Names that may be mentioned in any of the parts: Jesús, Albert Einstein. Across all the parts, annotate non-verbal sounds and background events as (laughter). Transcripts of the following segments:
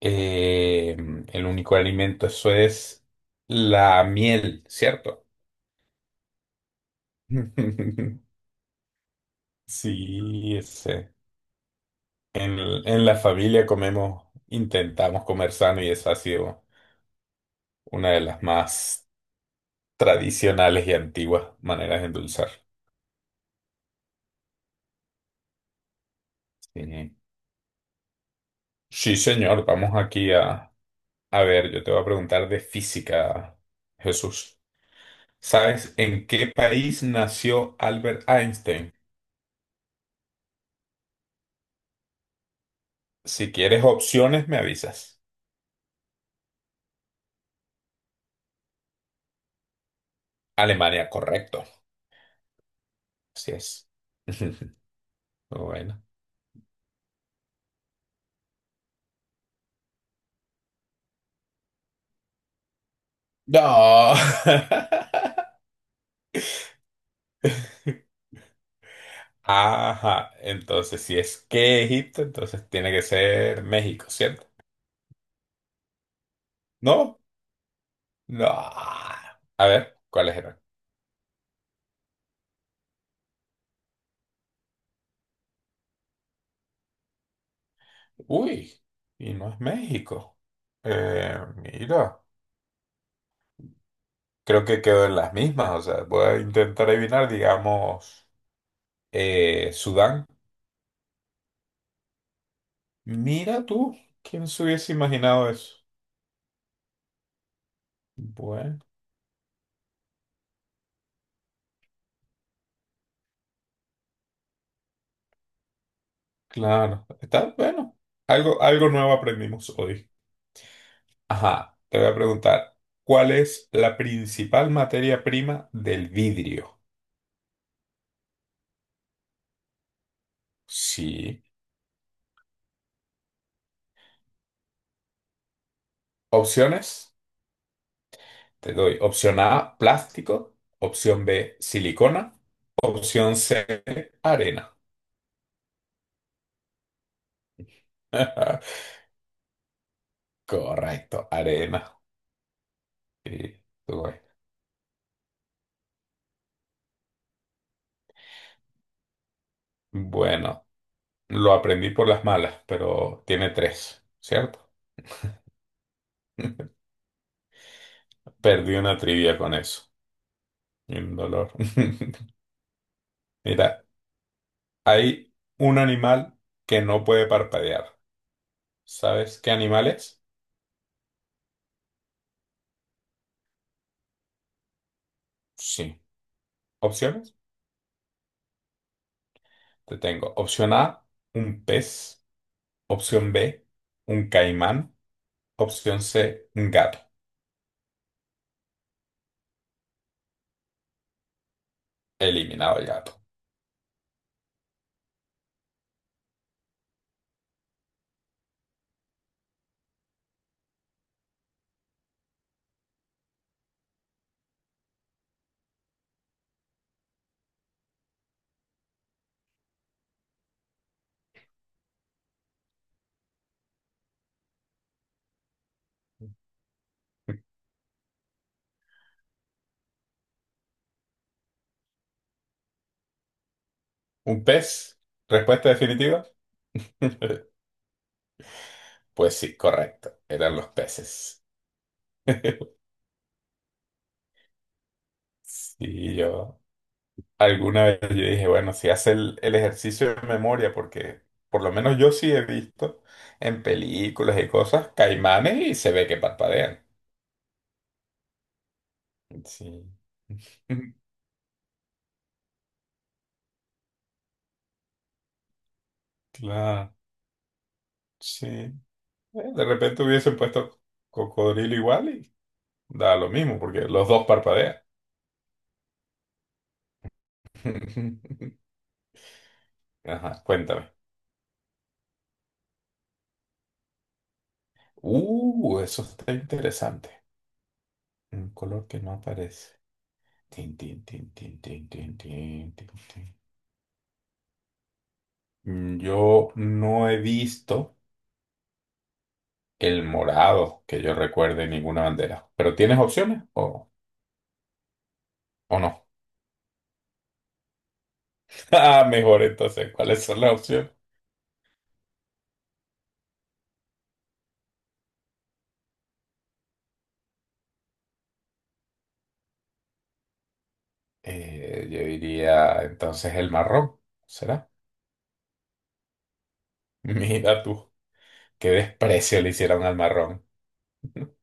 Eh, el único alimento, eso es la miel, ¿cierto? (laughs) Sí, ese. En, en la familia comemos, intentamos comer sano y esa ha sido una de las más tradicionales y antiguas maneras de endulzar. Sí, sí, señor, a ver, yo te voy a preguntar de física, Jesús. ¿Sabes en qué país nació Albert Einstein? Si quieres opciones, me avisas. Alemania, correcto. Así es. (laughs) Bueno. No. (laughs) Ajá. Entonces, si es que Egipto, entonces tiene que ser México, ¿cierto? No. No. A ver, ¿cuáles eran? Uy, y no es México. Mira, creo que quedó en las mismas. O sea, voy a intentar adivinar, digamos, Sudán. Mira tú, ¿quién se hubiese imaginado eso? Bueno. Claro, está bueno. Algo, algo nuevo aprendimos hoy. Ajá, te voy a preguntar, ¿cuál es la principal materia prima del vidrio? Sí. Opciones, te doy. Opción A, plástico. Opción B, silicona. Opción C, arena. (laughs) Correcto, arena. Sí, tú ves. Bueno, lo aprendí por las malas, pero tiene tres, ¿cierto? (laughs) Perdí una trivia con eso. Y un dolor. (laughs) Mira, hay un animal que no puede parpadear. ¿Sabes qué animal es? Sí. Opciones. Te tengo. Opción A, un pez. Opción B, un caimán. Opción C, un gato. Eliminado el gato. ¿Un pez? ¿Respuesta definitiva? (laughs) Pues sí, correcto. Eran los peces. (laughs) Sí, yo. Alguna vez yo dije, bueno, si hace el ejercicio de memoria, porque por lo menos yo sí he visto en películas y cosas caimanes y se ve que parpadean. Sí. (laughs) Claro, sí. De repente hubiesen puesto cocodrilo igual y da lo mismo, porque los dos parpadean. (laughs) Ajá, cuéntame. Eso está interesante. Un color que no aparece. Tin, tin, tin, tin, tin, tin, tin, tin, tin. Yo no he visto. El morado, que yo recuerde ninguna bandera. ¿Pero tienes opciones o no? (laughs) Ah, mejor entonces, ¿cuáles son las opciones? Yo diría entonces el marrón, ¿será? (laughs) Mira tú, qué desprecio le hicieron al marrón. (laughs)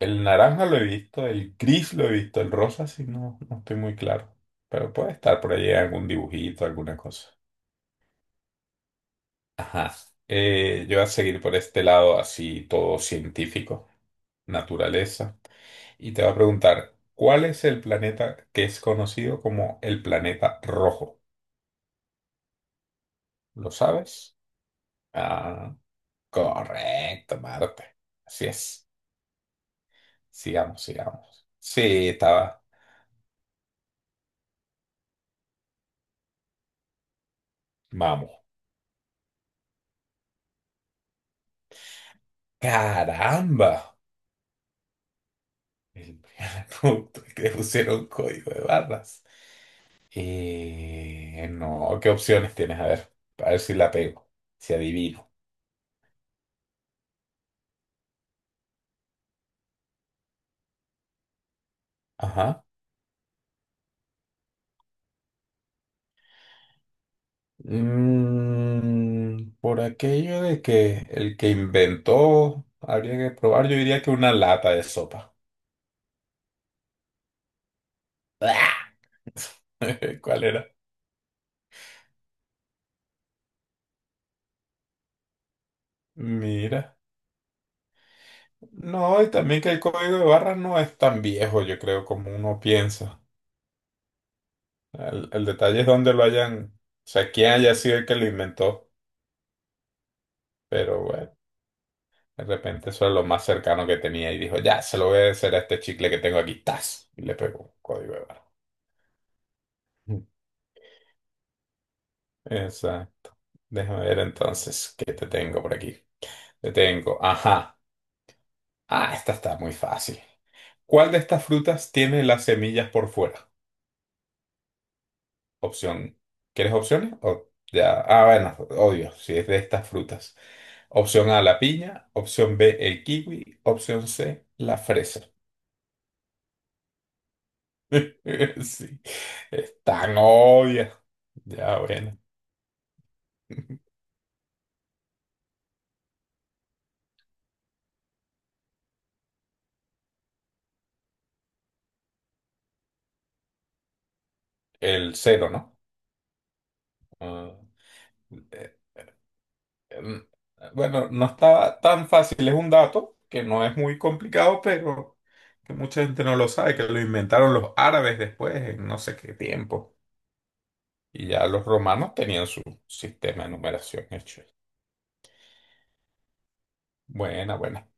El naranja lo he visto, el gris lo he visto, el rosa sí, no, no estoy muy claro. Pero puede estar por allí algún dibujito, alguna cosa. Ajá. Yo voy a seguir por este lado así todo científico. Naturaleza. Y te va a preguntar, ¿cuál es el planeta que es conocido como el planeta rojo? ¿Lo sabes? Ah, correcto, Marte. Así es. Sigamos, sigamos. Sí, estaba. Vamos. ¡Caramba! El (laughs) punto que le pusieron código de barras. No, ¿qué opciones tienes? A ver si la pego, si adivino. Ajá. Mm, por aquello de que el que inventó habría que probar, yo diría que una lata de sopa. (laughs) ¿Cuál era? Mira. No, y también que el código de barras no es tan viejo, yo creo, como uno piensa. El detalle es dónde lo hayan, o sea, quién haya sido el que lo inventó. Pero bueno, de repente eso es lo más cercano que tenía y dijo, ya, se lo voy a hacer a este chicle que tengo aquí, ¡tas! Y le pegó código de barras. (laughs) Exacto. Déjame ver entonces qué te tengo por aquí. Te tengo, ajá. Ah, esta está muy fácil. ¿Cuál de estas frutas tiene las semillas por fuera? Opción. ¿Quieres opciones? O ya. Ah, bueno, odio si es de estas frutas. Opción A, la piña. Opción B, el kiwi. Opción C, la fresa. (laughs) Sí. Es tan obvia. Ya, bueno. El cero, ¿no? Ah, mm, bueno, no estaba tan fácil, es un dato que no es muy complicado, pero que mucha gente no lo sabe, que lo inventaron los árabes después, en no sé qué tiempo. Y ya los romanos tenían su sistema de numeración hecho. Buena, buena.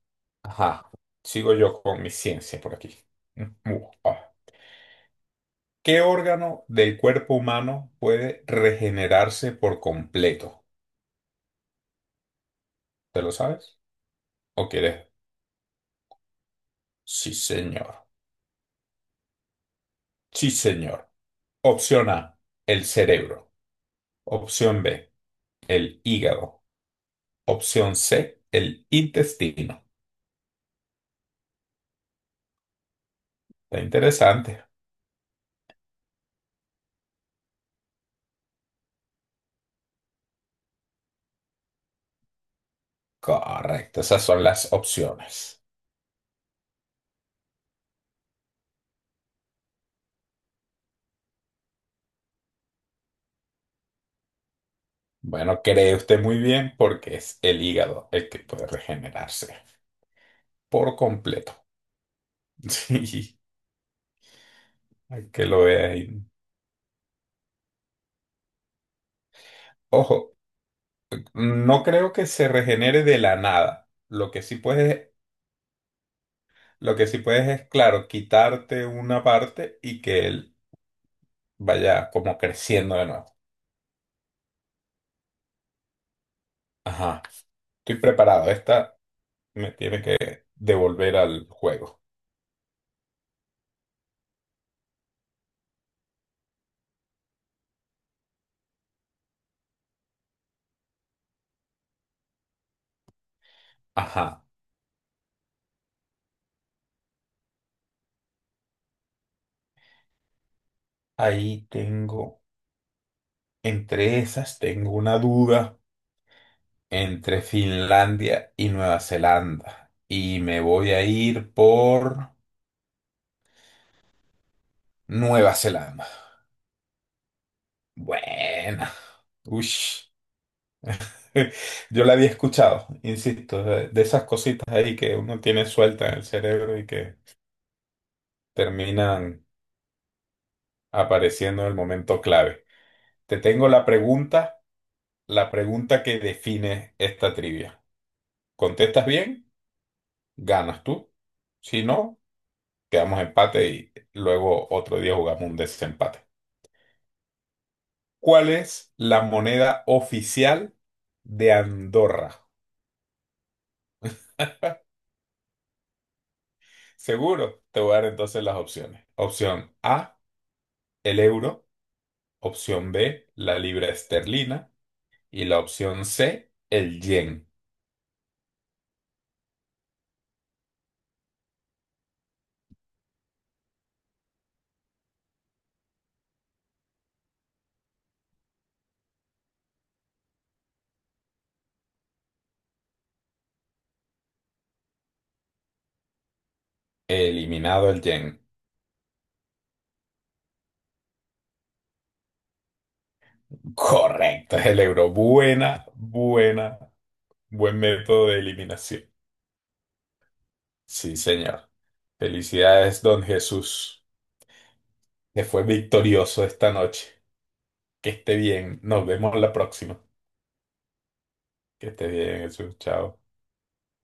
Ajá. Sigo yo con mi ciencia por aquí. Mm, uh, ah. ¿Qué órgano del cuerpo humano puede regenerarse por completo? ¿Te lo sabes? ¿O quieres? Sí, señor. Sí, señor. Opción A, el cerebro. Opción B, el hígado. Opción C, el intestino. Está interesante. Correcto, esas son las opciones. Bueno, cree usted muy bien porque es el hígado el que puede regenerarse por completo. (laughs) Sí, hay que lo vea ahí. Ojo, no creo que se regenere de la nada. Lo que sí puedes es, claro, quitarte una parte y que él vaya como creciendo de nuevo. Ajá, estoy preparado. Esta me tiene que devolver al juego. Ajá, ahí tengo, entre esas tengo una duda entre Finlandia y Nueva Zelanda. Y me voy a ir por Nueva Zelanda. Buena. Ush. (laughs) Yo la había escuchado, insisto, de esas cositas ahí que uno tiene suelta en el cerebro y que terminan apareciendo en el momento clave. Te tengo la pregunta que define esta trivia. Contestas bien, ganas tú. Si no, quedamos empate y luego otro día jugamos un desempate. ¿Cuál es la moneda oficial de Andorra? Seguro, te voy a dar entonces las opciones. Opción A, el euro. Opción B, la libra esterlina. Y la opción C, el yen. Eliminado el yen. Correcto, es el euro. Buena, buena, buen método de eliminación. Sí, señor. Felicidades, don Jesús, que fue victorioso esta noche. Que esté bien. Nos vemos la próxima. Que esté bien, Jesús. Chao.